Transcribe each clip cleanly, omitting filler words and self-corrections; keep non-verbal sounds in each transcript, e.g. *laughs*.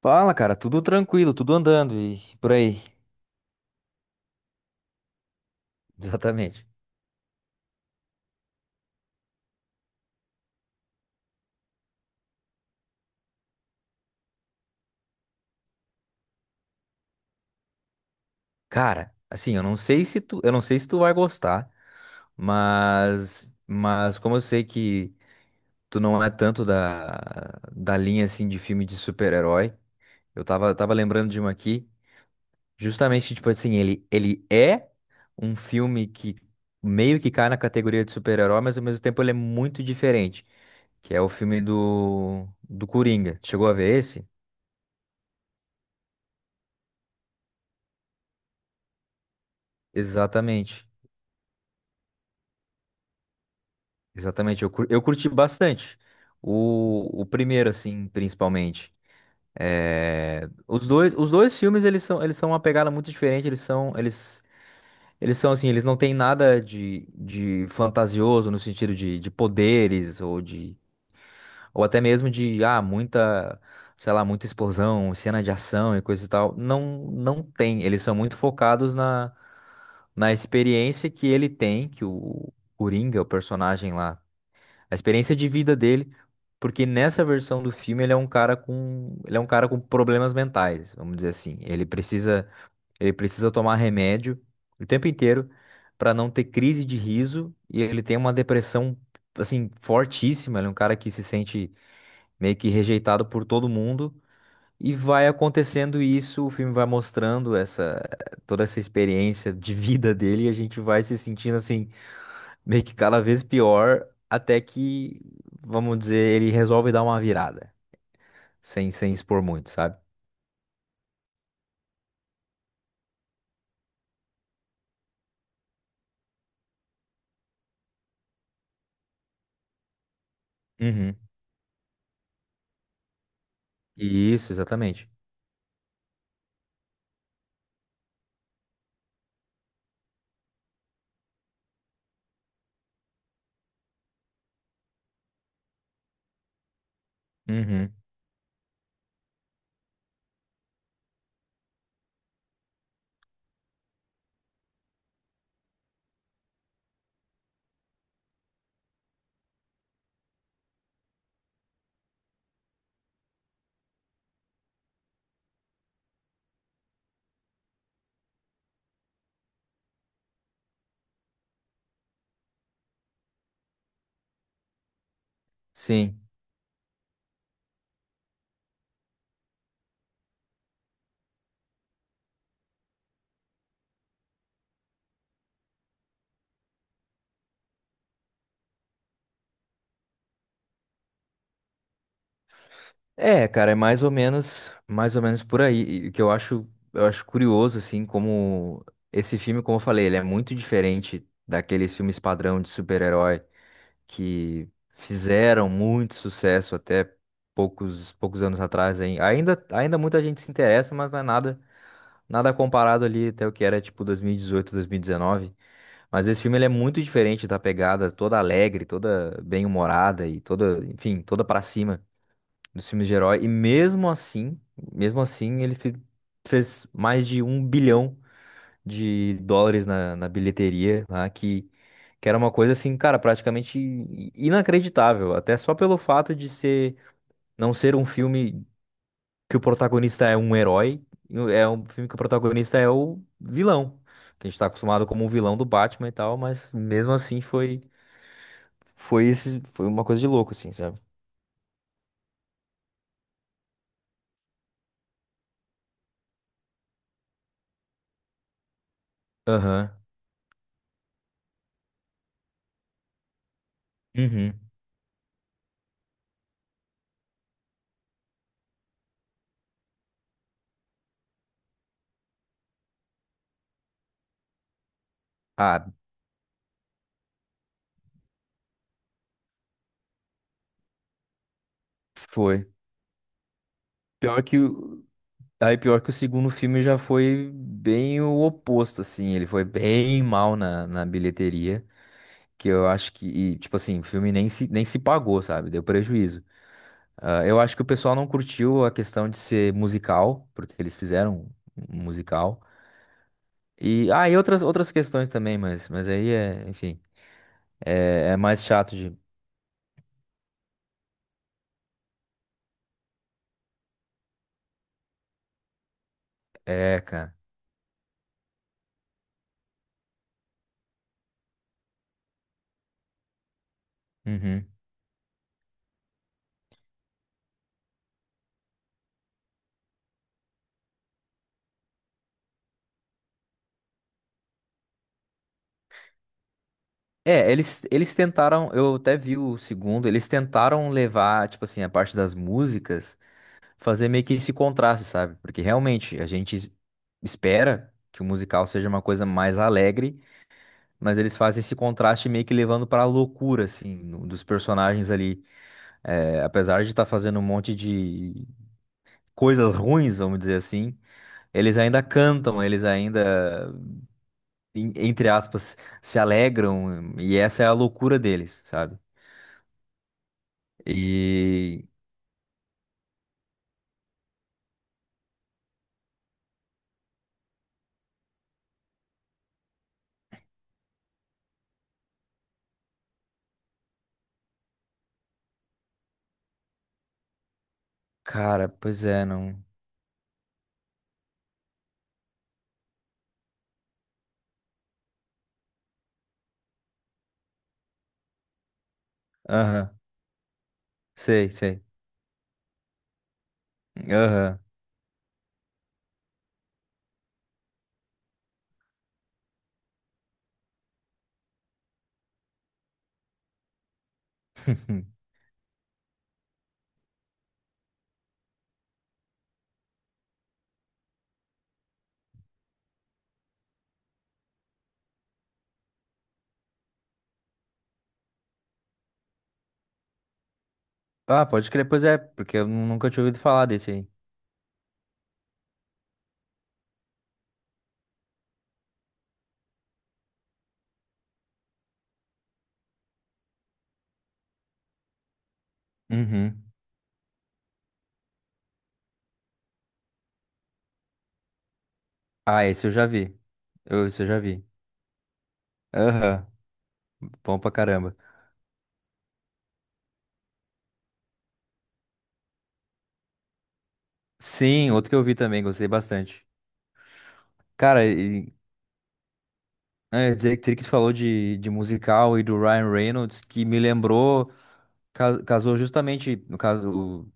Fala, cara, tudo tranquilo, tudo andando e por aí. *laughs* Exatamente. Cara, assim, eu não sei se tu vai gostar, mas como eu sei que tu não é tanto da linha assim de filme de super-herói, eu tava lembrando de um aqui, justamente tipo assim, ele é um filme que meio que cai na categoria de super-herói, mas ao mesmo tempo ele é muito diferente, que é o filme do Coringa. Chegou a ver esse? Exatamente. Exatamente, eu curti bastante. O primeiro, assim, principalmente. É, os dois filmes, eles são uma pegada muito diferente, eles são assim, eles não têm nada de, de fantasioso no sentido de poderes ou de, ou até mesmo de, ah, muita, sei lá, muita explosão, cena de ação e coisa e tal. Não, não tem, eles são muito focados na, na experiência que ele tem, que o Coringa, o personagem lá a experiência de vida dele, porque nessa versão do filme ele é um cara com, ele é um cara com problemas mentais, vamos dizer assim. Ele precisa tomar remédio o tempo inteiro para não ter crise de riso e ele tem uma depressão assim fortíssima, ele é um cara que se sente meio que rejeitado por todo mundo. E vai acontecendo isso, o filme vai mostrando essa toda essa experiência de vida dele e a gente vai se sentindo assim meio que cada vez pior, até que, vamos dizer, ele resolve dar uma virada, sem expor muito, sabe? Uhum. Isso, exatamente. Uhum. Sim. É, cara, é mais ou menos por aí. E o que eu acho curioso, assim, como esse filme, como eu falei, ele é muito diferente daqueles filmes padrão de super-herói que fizeram muito sucesso até poucos anos atrás. Hein? Ainda muita gente se interessa, mas não é nada comparado ali até o que era tipo 2018, 2019. Mas esse filme ele é muito diferente da pegada toda alegre, toda bem-humorada e toda, enfim, toda pra cima dos filmes de herói. E mesmo assim, fez mais de um bilhão de dólares na bilheteria, lá, que era uma coisa assim, cara, praticamente inacreditável. Até só pelo fato de ser, não ser um filme que o protagonista é um herói, é um filme que o protagonista é o vilão, que a gente tá acostumado como um vilão do Batman e tal, mas mesmo assim foi foi esse foi uma coisa de louco assim, sabe? Aham. Uhum. Ah, foi. Pior que o Aí pior que o segundo filme já foi bem o oposto, assim, ele foi bem mal na bilheteria, que eu acho que, e, tipo assim, o filme nem se pagou, sabe? Deu prejuízo. Ah, eu acho que o pessoal não curtiu a questão de ser musical, porque eles fizeram um musical. E, ah, e outras, outras questões também, mas aí é, enfim, é, é mais chato de. É, cara. Uhum. É, eles tentaram, eu até vi o segundo, eles tentaram levar, tipo assim, a parte das músicas, fazer meio que esse contraste, sabe? Porque realmente espera que o musical seja uma coisa mais alegre, mas eles fazem esse contraste meio que levando pra loucura, assim, no- dos personagens ali. É, apesar de estar fazendo um monte de coisas ruins, vamos dizer assim, eles ainda cantam, entre aspas, se alegram, e essa é a loucura deles, sabe? E, cara, pois é, não. Aham, sei, sei. Aham. *laughs* Ah, pode crer, pois é, porque eu nunca tinha ouvido falar desse aí. Uhum. Ah, esse eu já vi. Esse eu já vi. Aham, bom pra caramba. Sim, outro que eu vi também, gostei bastante. Cara, é, dizer que tu falou de musical e do Ryan Reynolds, que me lembrou, casou justamente, no caso,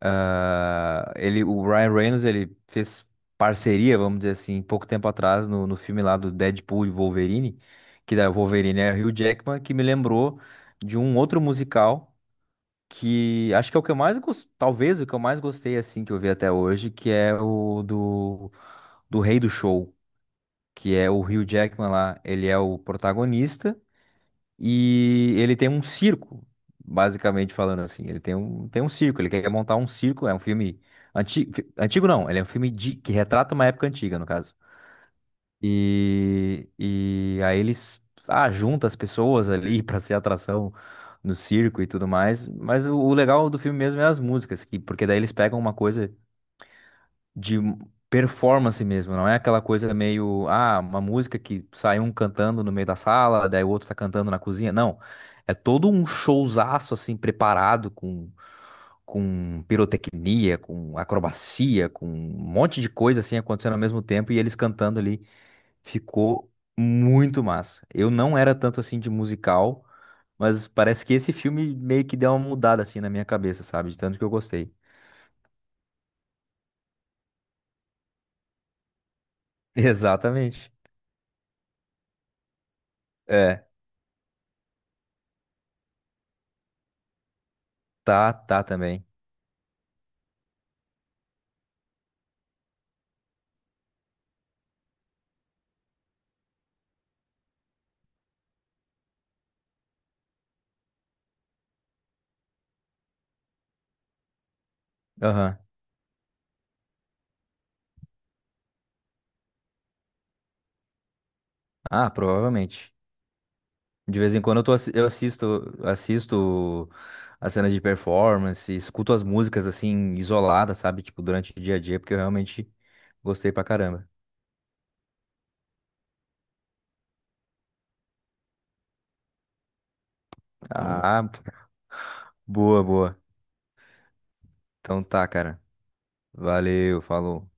ah, ele, o Ryan Reynolds, ele fez parceria, vamos dizer assim, pouco tempo atrás, no filme lá do Deadpool e Wolverine, que da Wolverine é Hugh Jackman, que me lembrou de um outro musical, que acho que é o que eu mais gostei, talvez o que eu mais gostei, assim, que eu vi até hoje, que é o do Rei do Show, que é o Hugh Jackman lá, ele é o protagonista, e ele tem um circo, basicamente falando assim. Tem um circo, ele quer montar um circo. É um filme antigo, antigo não, ele é um filme de- que retrata uma época antiga, no caso. E aí eles ah, juntam as pessoas ali *laughs* pra ser atração no circo e tudo mais. Mas o legal do filme mesmo é as músicas, que, porque daí eles pegam uma coisa de performance mesmo, não é aquela coisa meio, ah, uma música que sai um cantando no meio da sala, daí o outro tá cantando na cozinha. Não, é todo um showzaço assim preparado com pirotecnia, com acrobacia, com um monte de coisa assim acontecendo ao mesmo tempo e eles cantando ali. Ficou muito massa. Eu não era tanto assim de musical, mas parece que esse filme meio que deu uma mudada assim na minha cabeça, sabe? De tanto que eu gostei. *laughs* Exatamente. É, tá, tá também. Aham. Ah, provavelmente. De vez em quando eu, tô, assi- eu assisto, assisto as cenas de performance, escuto as músicas assim, isoladas, sabe? Tipo, durante o dia a dia, porque eu realmente gostei pra caramba. Hum. Ah, boa, boa. Então tá, cara. Valeu, falou.